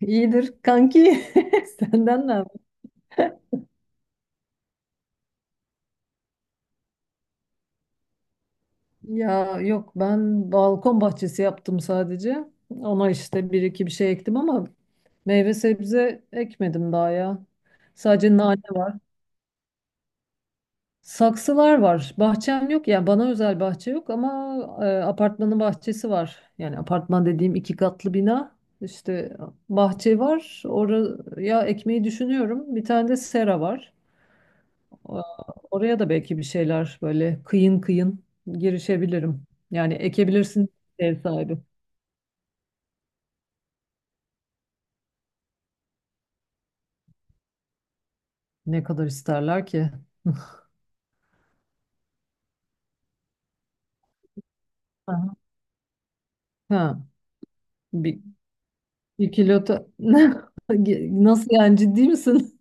İyidir kanki. Senden ne haber? Ya yok ben balkon bahçesi yaptım sadece. Ona işte bir iki bir şey ektim ama meyve sebze ekmedim daha ya. Sadece nane var. Saksılar var. Bahçem yok. Yani bana özel bahçe yok ama apartmanın bahçesi var. Yani apartman dediğim iki katlı bina. İşte bahçe var. Oraya ekmeyi düşünüyorum. Bir tane de sera var. Oraya da belki bir şeyler böyle kıyın kıyın girişebilirim. Yani ekebilirsin ev sahibi. Ne kadar isterler ki? Aha. Ha, bir, bir kilo ta- Nasıl yani ciddi misin?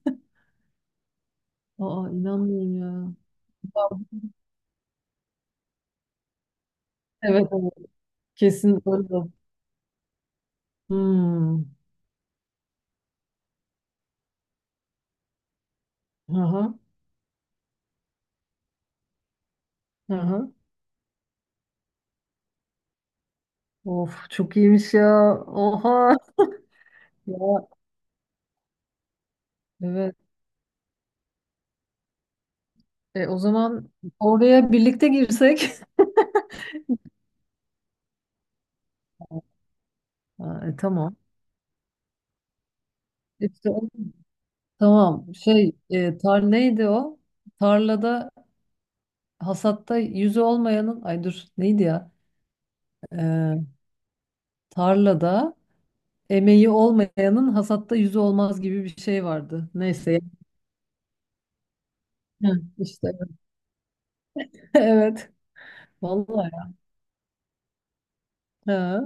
Aa inanmıyorum ya. Evet, evet. Kesin öyle. Hmm. Aha, aha. Of çok iyiymiş ya. Oha. Ya evet. O zaman oraya birlikte girsek. Ha, tamam. İşte tamam. Şey, tar neydi o? Tarlada hasatta yüzü olmayanın ay dur neydi ya? E, Tarlada emeği olmayanın hasatta yüzü olmaz gibi bir şey vardı. Neyse. Hı, işte. Evet. Vallahi. Ha.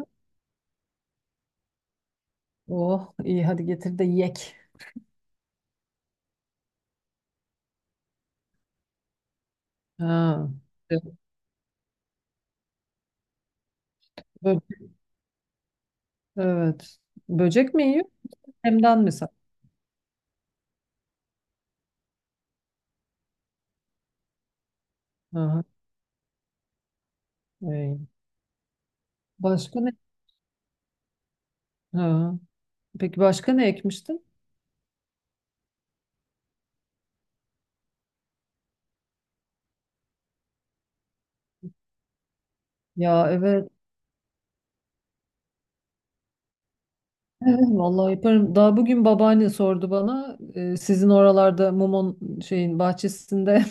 Oh iyi hadi getir de yek. Ha. Bö- Evet. Böcek mi yiyor? Hemden mi sen? Aha. Ey. Başka ne? Ha. Peki başka ne ekmiştin? Ya evet. Evet, vallahi yaparım. Daha bugün babaanne sordu bana. Sizin oralarda mumon şeyin bahçesinde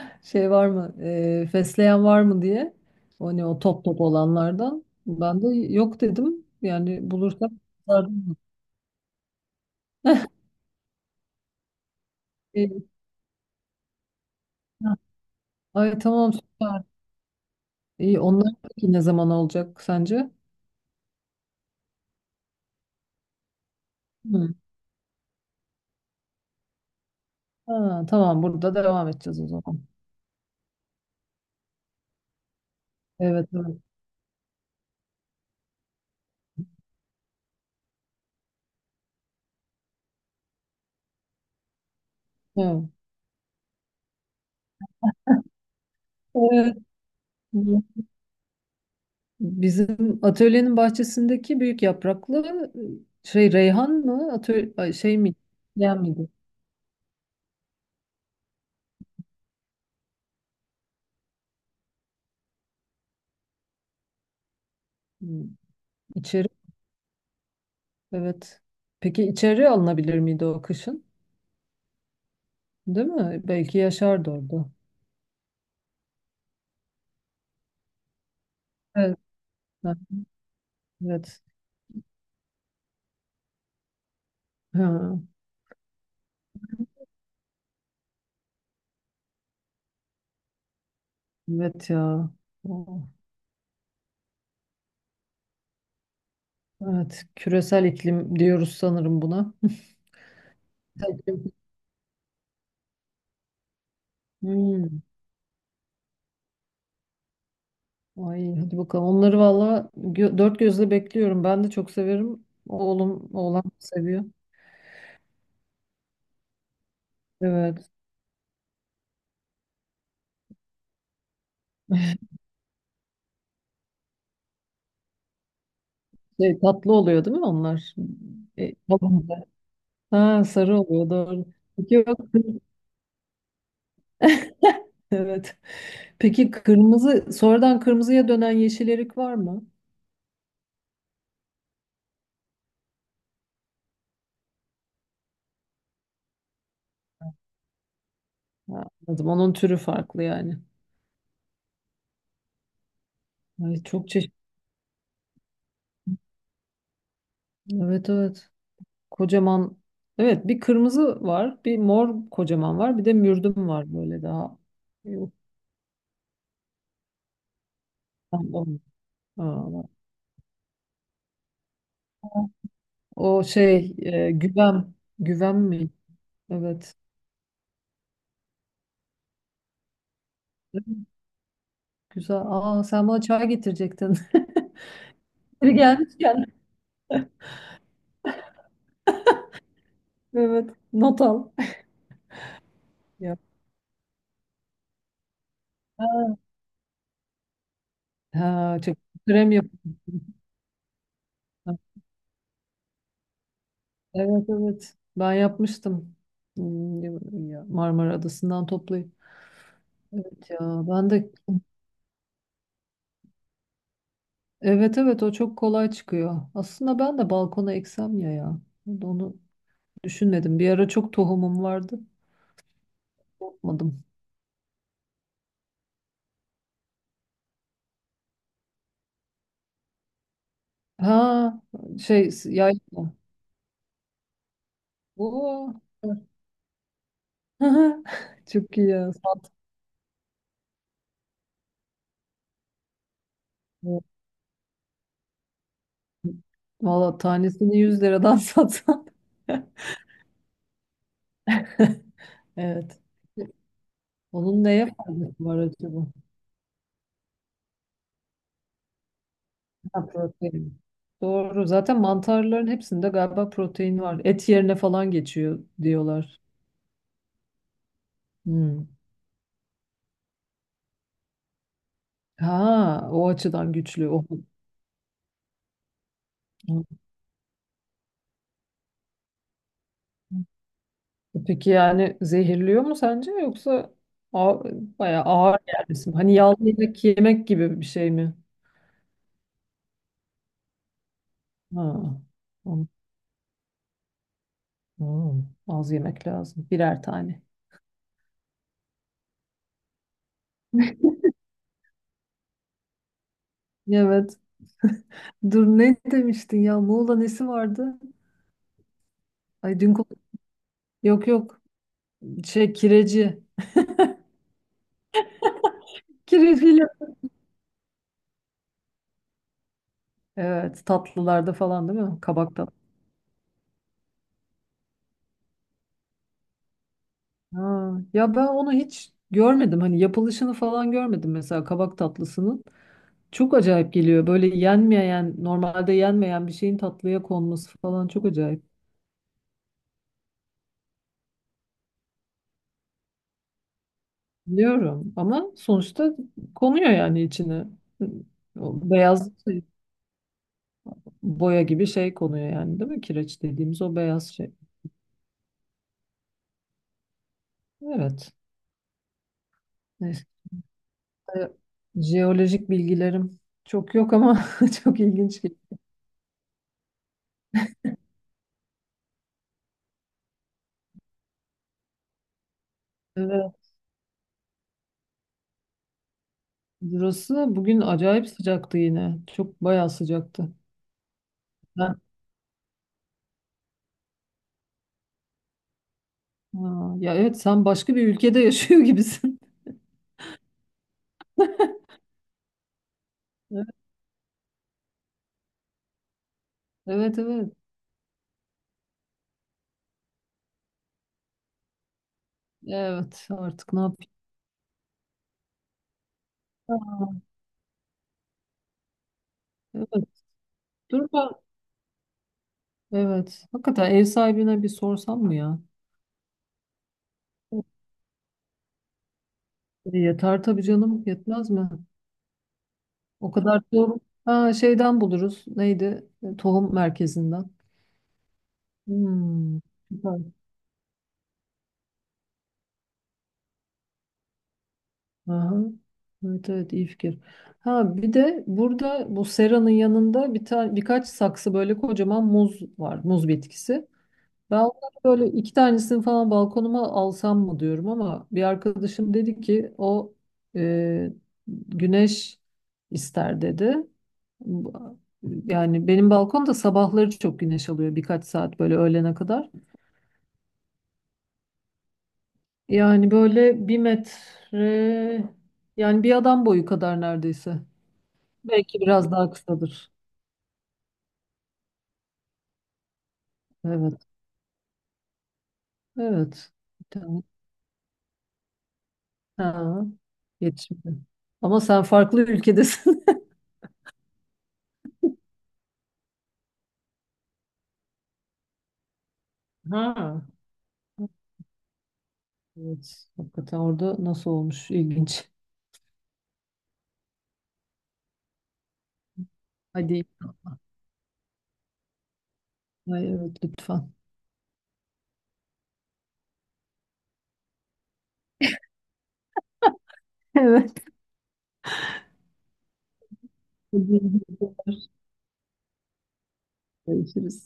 şey var mı? Fesleğen var mı diye. O ne, o top top olanlardan. Ben de yok dedim. Yani bulursam sardım. E, ha, Ay tamam süper. İyi onlar peki ne zaman olacak sence? Hı. Ha, tamam burada devam edeceğiz o zaman. Evet, evet. Evet. Evet. Bizim atölyenin bahçesindeki büyük yapraklı şey reyhan mı? Atölye, ay, şey mi? Yen miydi? Hmm, İçeri. Evet. Peki içeri alınabilir miydi o kışın? Değil mi? Belki yaşardı orada. Evet. Ha, evet. Ha, evet ya. Oh, evet. Küresel iklim diyoruz sanırım buna. Tabii. Hmm. Ay hadi bakalım. Onları valla gö- dört gözle bekliyorum. Ben de çok severim. Oğlum, oğlan seviyor. Evet. Şey, tatlı oluyor değil mi onlar? Alınca. Ha, sarı oluyor doğru. Peki, yok. Evet. Peki kırmızı, sonradan kırmızıya dönen yeşil erik var mı? Ha, anladım. Onun türü farklı yani. Ay, çok çeşitli. Evet, evet. Kocaman. Evet bir kırmızı var. Bir mor kocaman var. Bir de mürdüm var böyle daha. Yok. Tamam. Aa, o şey güvem. Güvem mi? Evet. Güzel. Aa, sen bana çay getirecektin. Biri gelmişken evet not al. Ya. Ha, çok krem yapıyorsun. Evet evet ben yapmıştım. Hmm, ya, Marmara Adası'ndan toplayıp. Evet ya ben de evet evet o çok kolay çıkıyor. Aslında ben de balkona eksem ya ya. Onu düşünmedim. Bir ara çok tohumum vardı. Yapmadım. Ha şey yayla. Oo. Çok iyi ya. Valla tanesini 100 liradan satsan. Evet. Onun neye faydası var acaba? Ha, protein. Doğru. Zaten mantarların hepsinde galiba protein var. Et yerine falan geçiyor diyorlar. Hmm. Ha, o açıdan güçlü. O. o- Peki yani zehirliyor mu sence yoksa ağ- bayağı ağır gelmesin? Hani yağlı yemek yemek gibi bir şey mi? Ha. An- Hmm. Az yemek lazım. Birer tane. Evet. Dur ne demiştin ya? Muğla nesi vardı? Ay dün konu- yok yok. Şey kireci. Kireciyle. Evet tatlılarda falan değil mi? Kabak tatlı. Ha, ya ben onu hiç görmedim. Hani yapılışını falan görmedim mesela kabak tatlısının. Çok acayip geliyor. Böyle yenmeyen, normalde yenmeyen bir şeyin tatlıya konması falan çok acayip. Biliyorum ama sonuçta konuyor yani içine. O beyaz şey, boya gibi şey konuyor yani değil mi? Kireç dediğimiz o beyaz şey. Evet. Neyse, jeolojik bilgilerim çok yok ama çok ilginç geliyor. Evet. Burası bugün acayip sıcaktı yine. Çok bayağı sıcaktı. Ben, ha, ya evet sen başka bir ülkede yaşıyor gibisin. Evet, evet. Evet, evet, artık ne yapayım? Ha, evet. Dur ben. Evet. Hakikaten ev sahibine bir sorsam mı ya? Yeter tabii canım. Yetmez mi? O kadar tohum. Ha, şeyden buluruz. Neydi? Tohum merkezinden. Hmm. Süper. Aha. Evet evet iyi fikir. Ha bir de burada bu seranın yanında bir tane birkaç saksı böyle kocaman muz var. Muz bitkisi. Ben onları böyle iki tanesini falan balkonuma alsam mı diyorum ama bir arkadaşım dedi ki o e, güneş ister dedi. Bu- Yani benim balkon da sabahları çok güneş alıyor birkaç saat böyle öğlene kadar. Yani böyle 1 metre, yani bir adam boyu kadar neredeyse. Belki biraz daha kısadır. Evet. Evet. Bir tane. Ha. Yetişmedi. Ama sen farklı ülkedesin. Ha. Evet. Hakikaten orada nasıl olmuş? İlginç. Hadi. Ay, evet lütfen. Evet. Görüşürüz.